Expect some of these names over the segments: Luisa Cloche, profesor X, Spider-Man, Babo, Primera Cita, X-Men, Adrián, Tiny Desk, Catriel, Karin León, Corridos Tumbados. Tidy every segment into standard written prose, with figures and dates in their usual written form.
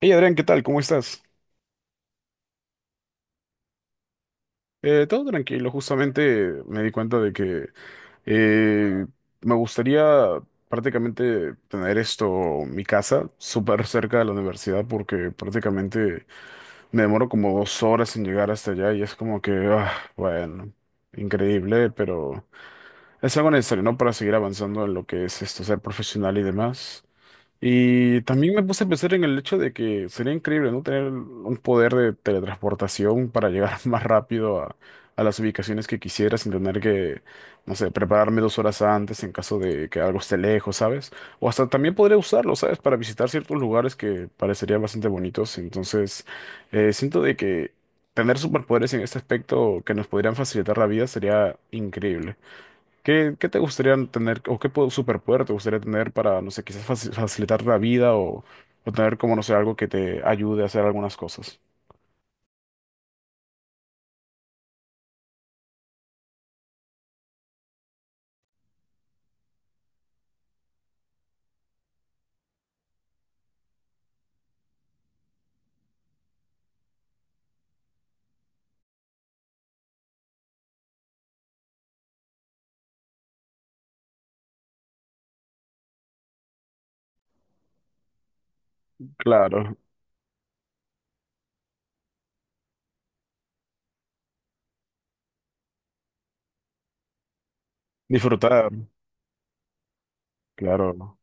Hey Adrián, ¿qué tal? ¿Cómo estás? Todo tranquilo, justamente me di cuenta de que eh, me gustaría prácticamente tener esto, mi casa, súper cerca de la universidad porque prácticamente me demoro como 2 horas en llegar hasta allá y es como que, ah, bueno, increíble, pero es algo necesario, ¿no? Para seguir avanzando en lo que es esto, ser profesional y demás. Y también me puse a pensar en el hecho de que sería increíble, ¿no? Tener un poder de teletransportación para llegar más rápido a las ubicaciones que quisiera sin tener que, no sé, prepararme 2 horas antes en caso de que algo esté lejos, ¿sabes? O hasta también podría usarlo, ¿sabes? Para visitar ciertos lugares que parecerían bastante bonitos. Entonces, siento de que tener superpoderes en este aspecto que nos podrían facilitar la vida sería increíble. ¿Qué te gustaría tener o superpoder te gustaría tener para, no sé, quizás facilitar la vida o tener como, no sé, algo que te ayude a hacer algunas cosas? Claro, disfrutar, claro.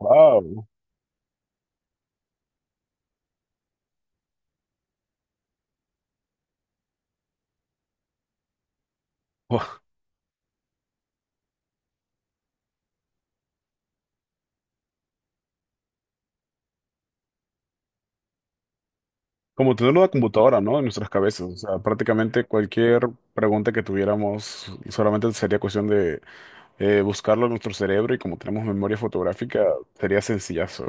Wow. Como tener una computadora, ¿no? En nuestras cabezas. O sea, prácticamente cualquier pregunta que tuviéramos solamente sería cuestión de buscarlo en nuestro cerebro y como tenemos memoria fotográfica, sería sencillazo.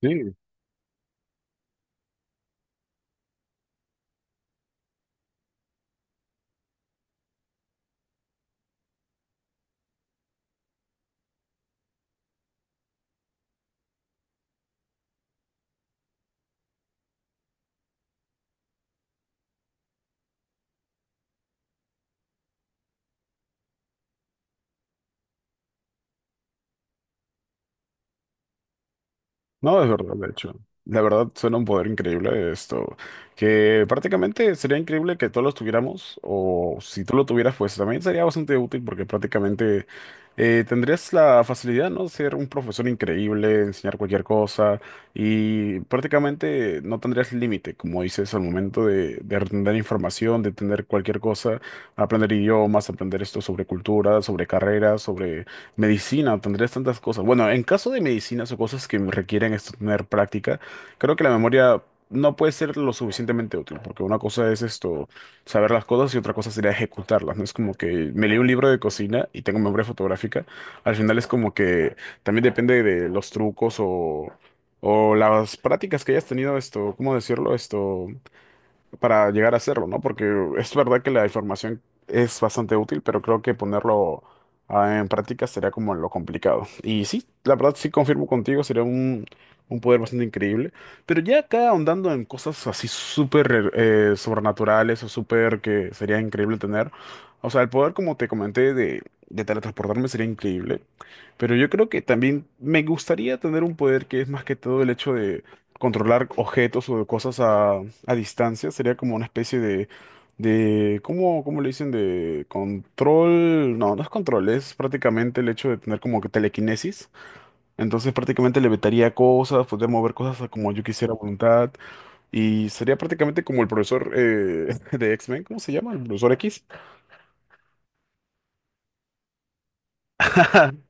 Sí, no, es verdad, de hecho. La verdad suena un poder increíble esto, que prácticamente sería increíble que todos los tuviéramos, o si tú lo tuvieras, pues también sería bastante útil porque prácticamente tendrías la facilidad, ¿no? Ser un profesor increíble, enseñar cualquier cosa y prácticamente no tendrías límite, como dices, al momento de entender información, de entender cualquier cosa, aprender idiomas, aprender esto sobre cultura, sobre carreras, sobre medicina, tendrías tantas cosas. Bueno, en caso de medicinas o cosas que requieren esto tener práctica, creo que la memoria no puede ser lo suficientemente útil, porque una cosa es esto, saber las cosas y otra cosa sería ejecutarlas, ¿no? Es como que me leí un libro de cocina y tengo memoria fotográfica. Al final es como que también depende de los trucos o las prácticas que hayas tenido esto, ¿cómo decirlo? Esto para llegar a hacerlo, ¿no? Porque es verdad que la información es bastante útil, pero creo que ponerlo en práctica sería como lo complicado. Y sí, la verdad sí confirmo contigo, sería un poder bastante increíble. Pero ya acá ahondando en cosas así súper sobrenaturales o súper que sería increíble tener. O sea, el poder, como te comenté, de teletransportarme sería increíble. Pero yo creo que también me gustaría tener un poder que es más que todo el hecho de controlar objetos o de cosas a distancia, sería como una especie de ¿cómo le dicen? De control, no, no es control, es prácticamente el hecho de tener como que telequinesis, entonces prácticamente le vetaría cosas, poder mover cosas a como yo quisiera a voluntad, y sería prácticamente como el profesor de X-Men, ¿cómo se llama? El profesor X.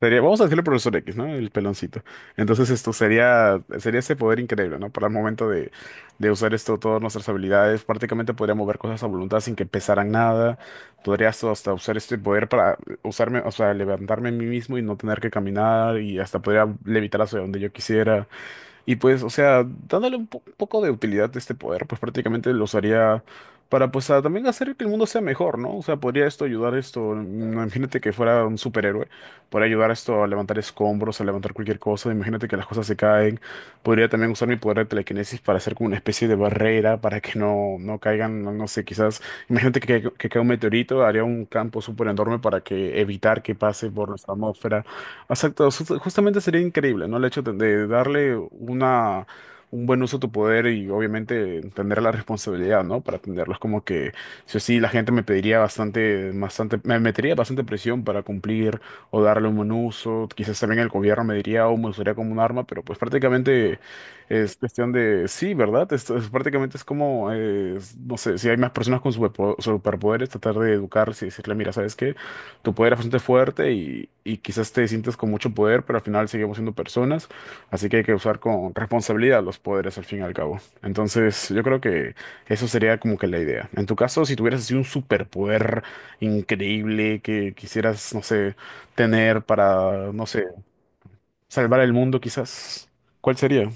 Sería, vamos a decirle profesor X, ¿no? El peloncito. Entonces esto sería, sería ese poder increíble, ¿no? Para el momento de usar esto, todas nuestras habilidades, prácticamente podría mover cosas a voluntad sin que pesaran nada. Podrías hasta usar este poder para usarme, o sea, levantarme a mí mismo y no tener que caminar y hasta podría levitar hacia donde yo quisiera. Y pues, o sea, dándole un, un poco de utilidad a este poder, pues prácticamente lo usaría para, pues, también hacer que el mundo sea mejor, ¿no? O sea, podría esto ayudar esto, imagínate que fuera un superhéroe, podría ayudar esto a levantar escombros, a levantar cualquier cosa, imagínate que las cosas se caen, podría también usar mi poder de telequinesis para hacer como una especie de barrera para que no, no caigan, no, no sé, quizás, imagínate que caiga un meteorito, haría un campo súper enorme para que evitar que pase por nuestra atmósfera. Exacto, justamente sería increíble, ¿no? El hecho de darle una, un buen uso a tu poder y obviamente tener la responsabilidad, ¿no? Para atenderlos, como que, si o sí, la gente me pediría bastante, bastante, me metería bastante presión para cumplir o darle un buen uso. Quizás también el gobierno me diría, o me usaría como un arma, pero pues prácticamente es cuestión de, sí, ¿verdad? Esto es, prácticamente es como, no sé, si hay más personas con superpoderes, tratar de educarse y decirle, mira, ¿sabes qué? Tu poder es bastante fuerte y quizás te sientes con mucho poder, pero al final seguimos siendo personas, así que hay que usar con responsabilidad los poderes al fin y al cabo. Entonces, yo creo que eso sería como que la idea. En tu caso, si tuvieras así un superpoder increíble que quisieras, no sé, tener para, no sé, salvar el mundo quizás, ¿cuál sería?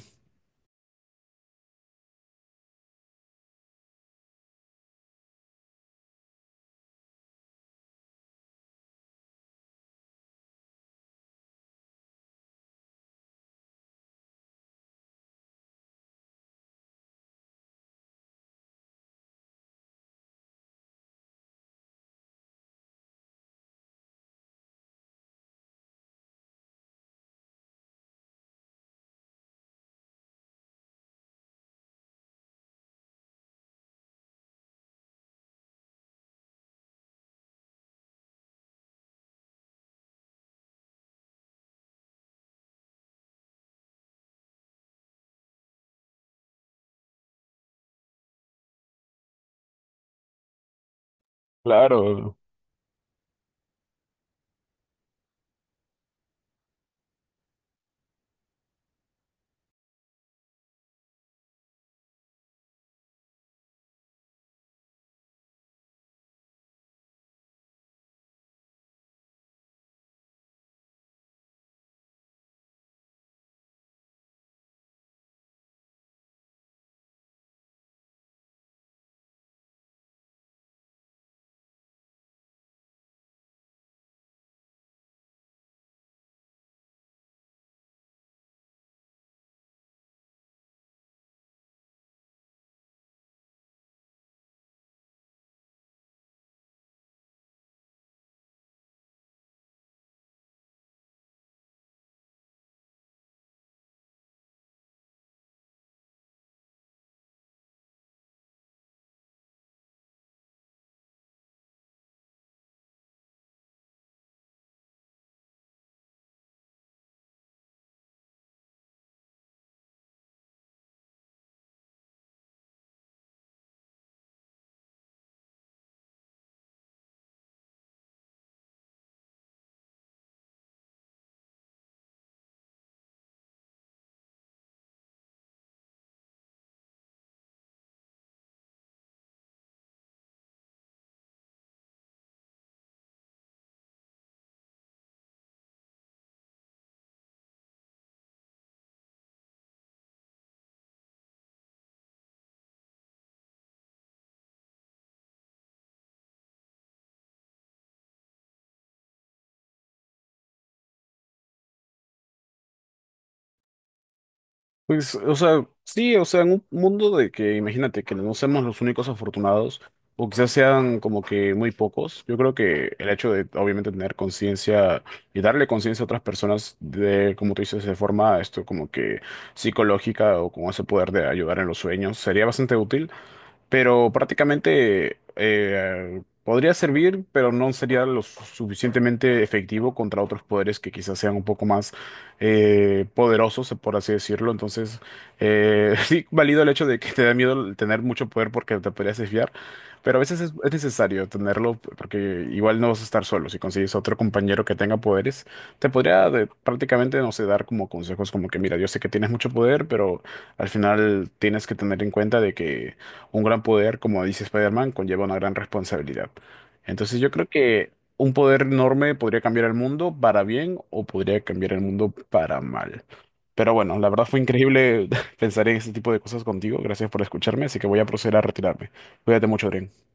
Claro, pues, o sea, sí, o sea, en un mundo de que, imagínate, que no seamos los únicos afortunados, o quizás sean como que muy pocos, yo creo que el hecho de, obviamente, tener conciencia y darle conciencia a otras personas de, como tú dices, de forma, esto como que psicológica o con ese poder de ayudar en los sueños, sería bastante útil pero prácticamente podría servir, pero no sería lo suficientemente efectivo contra otros poderes que quizás sean un poco más poderosos, por así decirlo. Entonces, sí, valido el hecho de que te da miedo el tener mucho poder porque te podrías desviar, pero a veces es necesario tenerlo porque igual no vas a estar solo. Si consigues otro compañero que tenga poderes, te podría prácticamente, no sé, dar como consejos como que, mira, yo sé que tienes mucho poder, pero... Al final tienes que tener en cuenta de que un gran poder, como dice Spider-Man, conlleva una gran responsabilidad. Entonces yo creo que un poder enorme podría cambiar el mundo para bien o podría cambiar el mundo para mal. Pero bueno, la verdad fue increíble pensar en este tipo de cosas contigo. Gracias por escucharme, así que voy a proceder a retirarme. Cuídate mucho, Adrián.